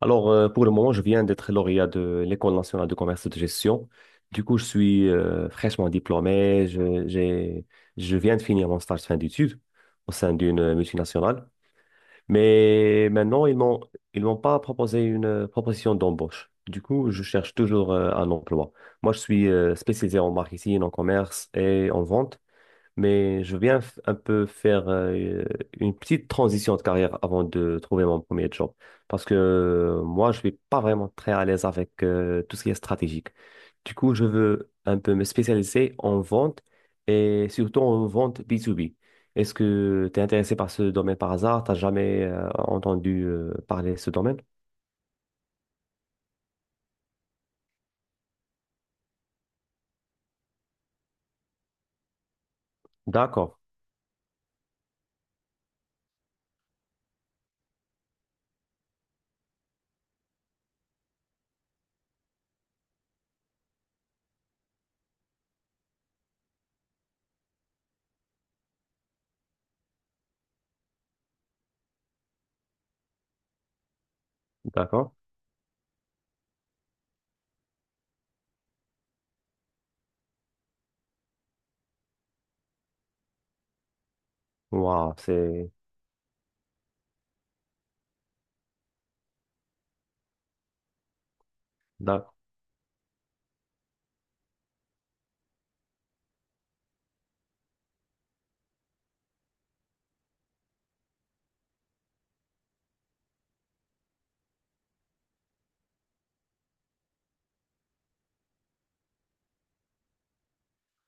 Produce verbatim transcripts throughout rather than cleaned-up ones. Alors, euh, pour le moment, je viens d'être lauréat de l'École nationale de commerce et de gestion. Du coup, je suis euh, fraîchement diplômé. Je, j'ai- je viens de finir mon stage de fin d'études au sein d'une multinationale. Mais maintenant, ils m'ont, ils m'ont pas proposé une euh, proposition d'embauche. Du coup, je cherche toujours euh, un emploi. Moi, je suis euh, spécialisé en marketing, en commerce et en vente, mais je viens f- un peu faire euh, une petite transition de carrière avant de trouver mon premier job. Parce que euh, moi, je suis pas vraiment très à l'aise avec euh, tout ce qui est stratégique. Du coup, je veux un peu me spécialiser en vente, et surtout en vente B deux B. Est-ce que tu es intéressé par ce domaine par hasard? T'as jamais euh, entendu euh, parler de ce domaine? D'accord, d'accord. Waouh, c'est...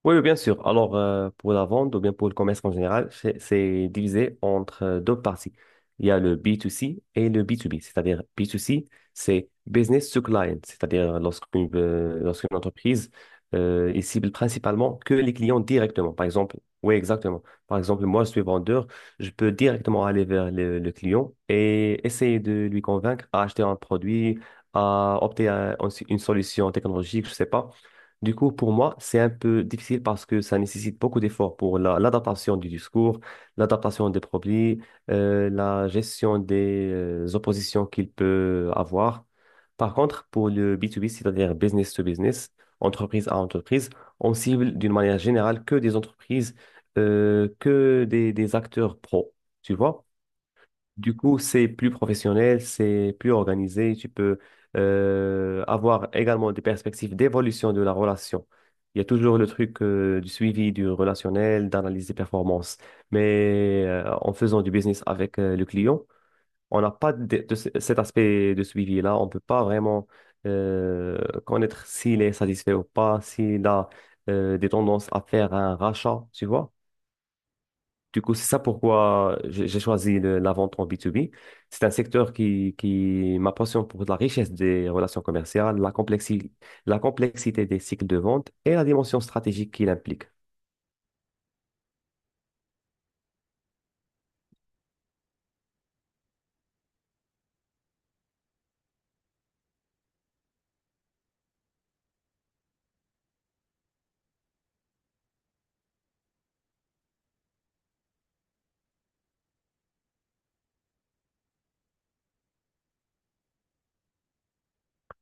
Oui, oui, bien sûr. Alors, euh, pour la vente ou bien pour le commerce en général, c'est c'est divisé entre euh, deux parties. Il y a le B deux C et le B deux B, c'est-à-dire B deux C, c'est business to client, c'est-à-dire euh, lorsqu'une euh, lorsqu'une entreprise euh, elle cible principalement que les clients directement. Par exemple, oui, exactement. Par exemple, moi, je suis vendeur, je peux directement aller vers le, le client et essayer de lui convaincre à acheter un produit, à opter à une solution technologique, je sais pas. Du coup, pour moi, c'est un peu difficile parce que ça nécessite beaucoup d'efforts pour la- l'adaptation du discours, l'adaptation des produits, euh, la gestion des euh, oppositions qu'il peut avoir. Par contre, pour le B deux B, c'est-à-dire business to business, entreprise à entreprise, on cible d'une manière générale que des entreprises, euh, que des, des acteurs pro, tu vois. Du coup, c'est plus professionnel, c'est plus organisé. Tu peux euh, avoir également des perspectives d'évolution de la relation. Il y a toujours le truc euh, du suivi du relationnel, d'analyse des performances. Mais euh, en faisant du business avec euh, le client, on n'a pas de, de ce- cet aspect de suivi-là. On ne peut pas vraiment euh, connaître s'il est satisfait ou pas, s'il a euh, des tendances à faire un rachat, tu vois. Du coup, c'est ça pourquoi j'ai j'ai choisi le- la vente en B deux B. C'est un secteur qui, qui ma passion pour la richesse des relations commerciales, la complexi- la complexité des cycles de vente et la dimension stratégique qu'il implique.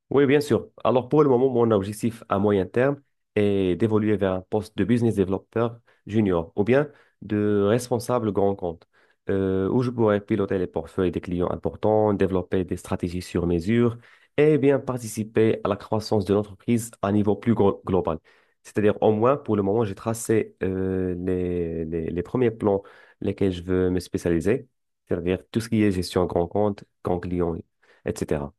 Oui, bien sûr. Alors pour le moment, mon objectif à moyen terme est d'évoluer vers un poste de business developer junior, ou bien de responsable grand compte, euh, où je pourrais piloter les portefeuilles des clients importants, développer des stratégies sur mesure et bien participer à la croissance de l'entreprise à un niveau plus gro- global. C'est-à-dire, au moins, pour le moment, j'ai tracé euh, les, les, les premiers plans lesquels je veux me spécialiser, c'est-à-dire tout ce qui est gestion grand compte, grand client, et cetera.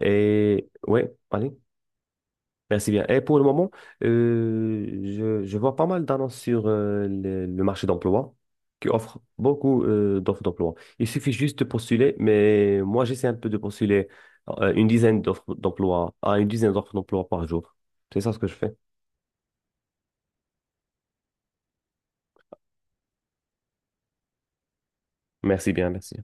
Et ouais, allez, merci bien. Et pour le moment, euh, je, je vois pas mal d'annonces sur euh, le, le marché d'emploi qui offre beaucoup euh, d'offres d'emploi. Il suffit juste de postuler, mais moi j'essaie un peu de postuler euh, une dizaine d'offres d'emploi à une dizaine d'offres d'emploi par jour. C'est ça ce que je fais. Merci bien, merci.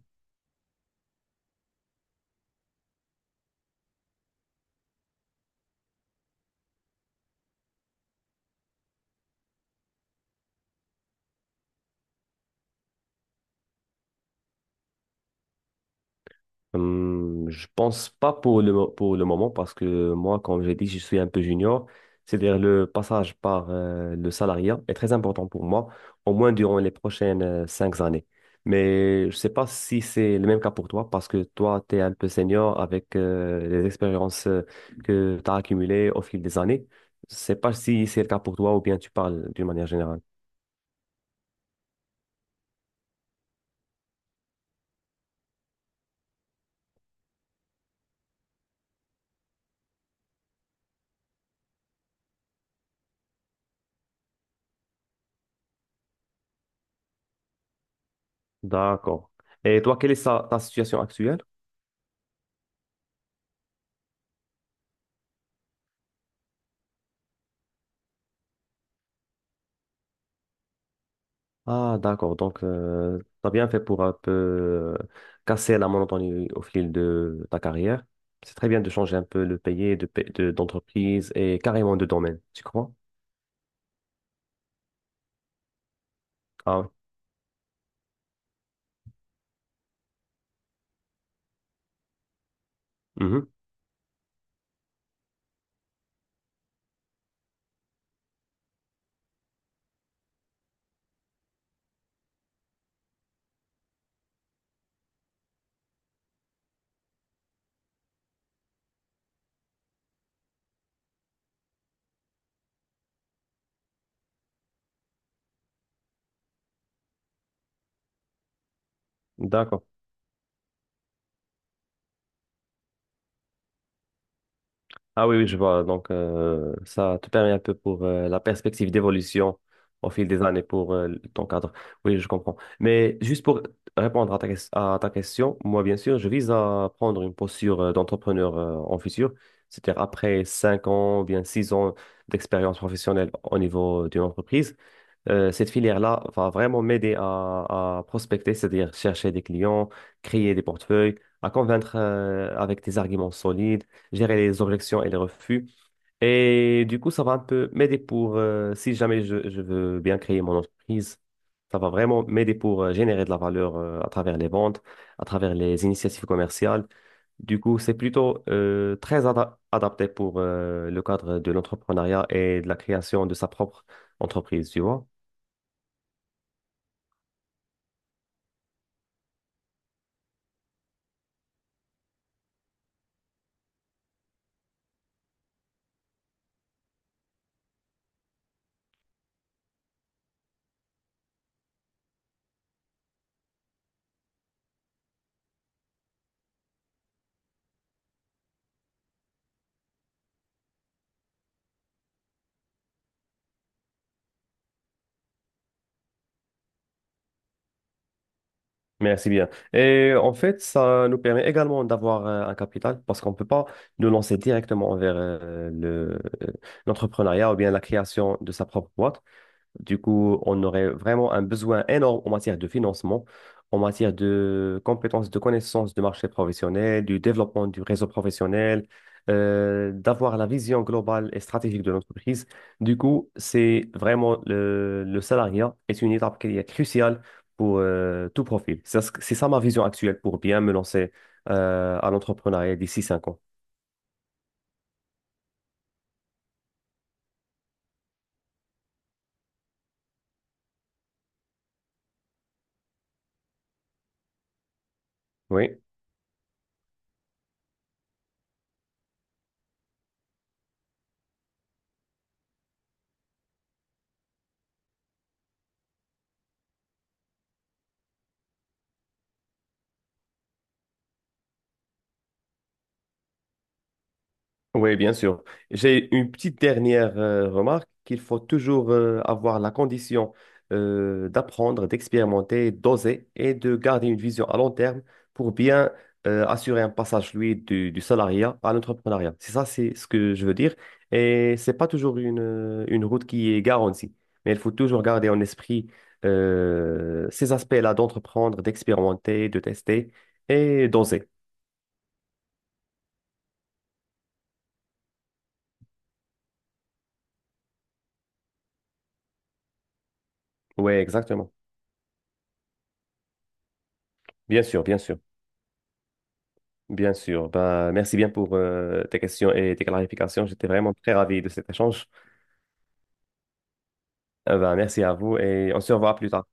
Hum, je pense pas pour le, mo- pour le moment parce que moi, comme j'ai dit, je suis un peu junior. C'est-à-dire le passage par euh, le salariat est très important pour moi, au moins durant les prochaines euh, cinq années. Mais je sais pas si c'est le même cas pour toi parce que toi, tu es un peu senior avec euh, les expériences euh, que tu as accumulées au fil des années. Je sais pas si c'est le cas pour toi ou bien tu parles d'une manière générale. D'accord. Et toi, quelle est sa- ta situation actuelle? Ah, d'accord. Donc, euh, tu as bien fait pour un peu euh, casser la monotonie au fil de ta carrière. C'est très bien de changer un peu le pays, de, pa- de- d'entreprise et carrément de domaine, tu crois? Ah, oui. Mhm. D'accord. Ah oui, oui, je vois. Donc, euh, ça te permet un peu pour euh, la perspective d'évolution au fil des années pour euh, ton cadre. Oui, je comprends. Mais juste pour répondre à ta, ques- à ta question, moi, bien sûr, je vise à prendre une posture euh, d'entrepreneur euh, en futur, c'est-à-dire après cinq ans ou bien six ans d'expérience professionnelle au niveau d'une entreprise. Euh, cette filière-là va vraiment m'aider à, à prospecter, c'est-à-dire chercher des clients, créer des portefeuilles, à convaincre euh, avec des arguments solides, gérer les objections et les refus. Et du coup, ça va un peu m'aider pour, euh, si jamais je, je veux bien créer mon entreprise, ça va vraiment m'aider pour euh, générer de la valeur euh, à travers les ventes, à travers les initiatives commerciales. Du coup, c'est plutôt euh, très ada- adapté pour euh, le cadre de l'entrepreneuriat et de la création de sa propre entreprise, tu vois. Merci bien. Et en fait, ça nous permet également d'avoir euh, un capital parce qu'on ne peut pas nous lancer directement vers euh, le, euh, l'entrepreneuriat ou bien la création de sa propre boîte. Du coup, on aurait vraiment un besoin énorme en matière de financement, en matière de compétences, de connaissances du marché professionnel, du développement du réseau professionnel, euh, d'avoir la vision globale et stratégique de l'entreprise. Du coup, c'est vraiment le, le salariat est une étape qui est cruciale pour euh, tout profil. C'est ça, c'est ça ma vision actuelle pour bien me lancer euh, à l'entrepreneuriat d'ici cinq ans. Oui. Oui, bien sûr. J'ai une petite dernière euh, remarque qu'il faut toujours euh, avoir la condition euh, d'apprendre, d'expérimenter, d'oser et de garder une vision à long terme pour bien euh, assurer un passage, lui, du, du salariat à l'entrepreneuriat. C'est ça, c'est ce que je veux dire. Et c'est pas toujours une, euh, une route qui est garantie, mais il faut toujours garder en esprit euh, ces aspects-là d'entreprendre, d'expérimenter, de tester et d'oser. Oui, exactement. Bien sûr, bien sûr. Bien sûr. Bah, merci bien pour euh, tes questions et tes clarifications. J'étais vraiment très ravi de cet échange. Euh, bah, merci à vous et on se revoit plus tard.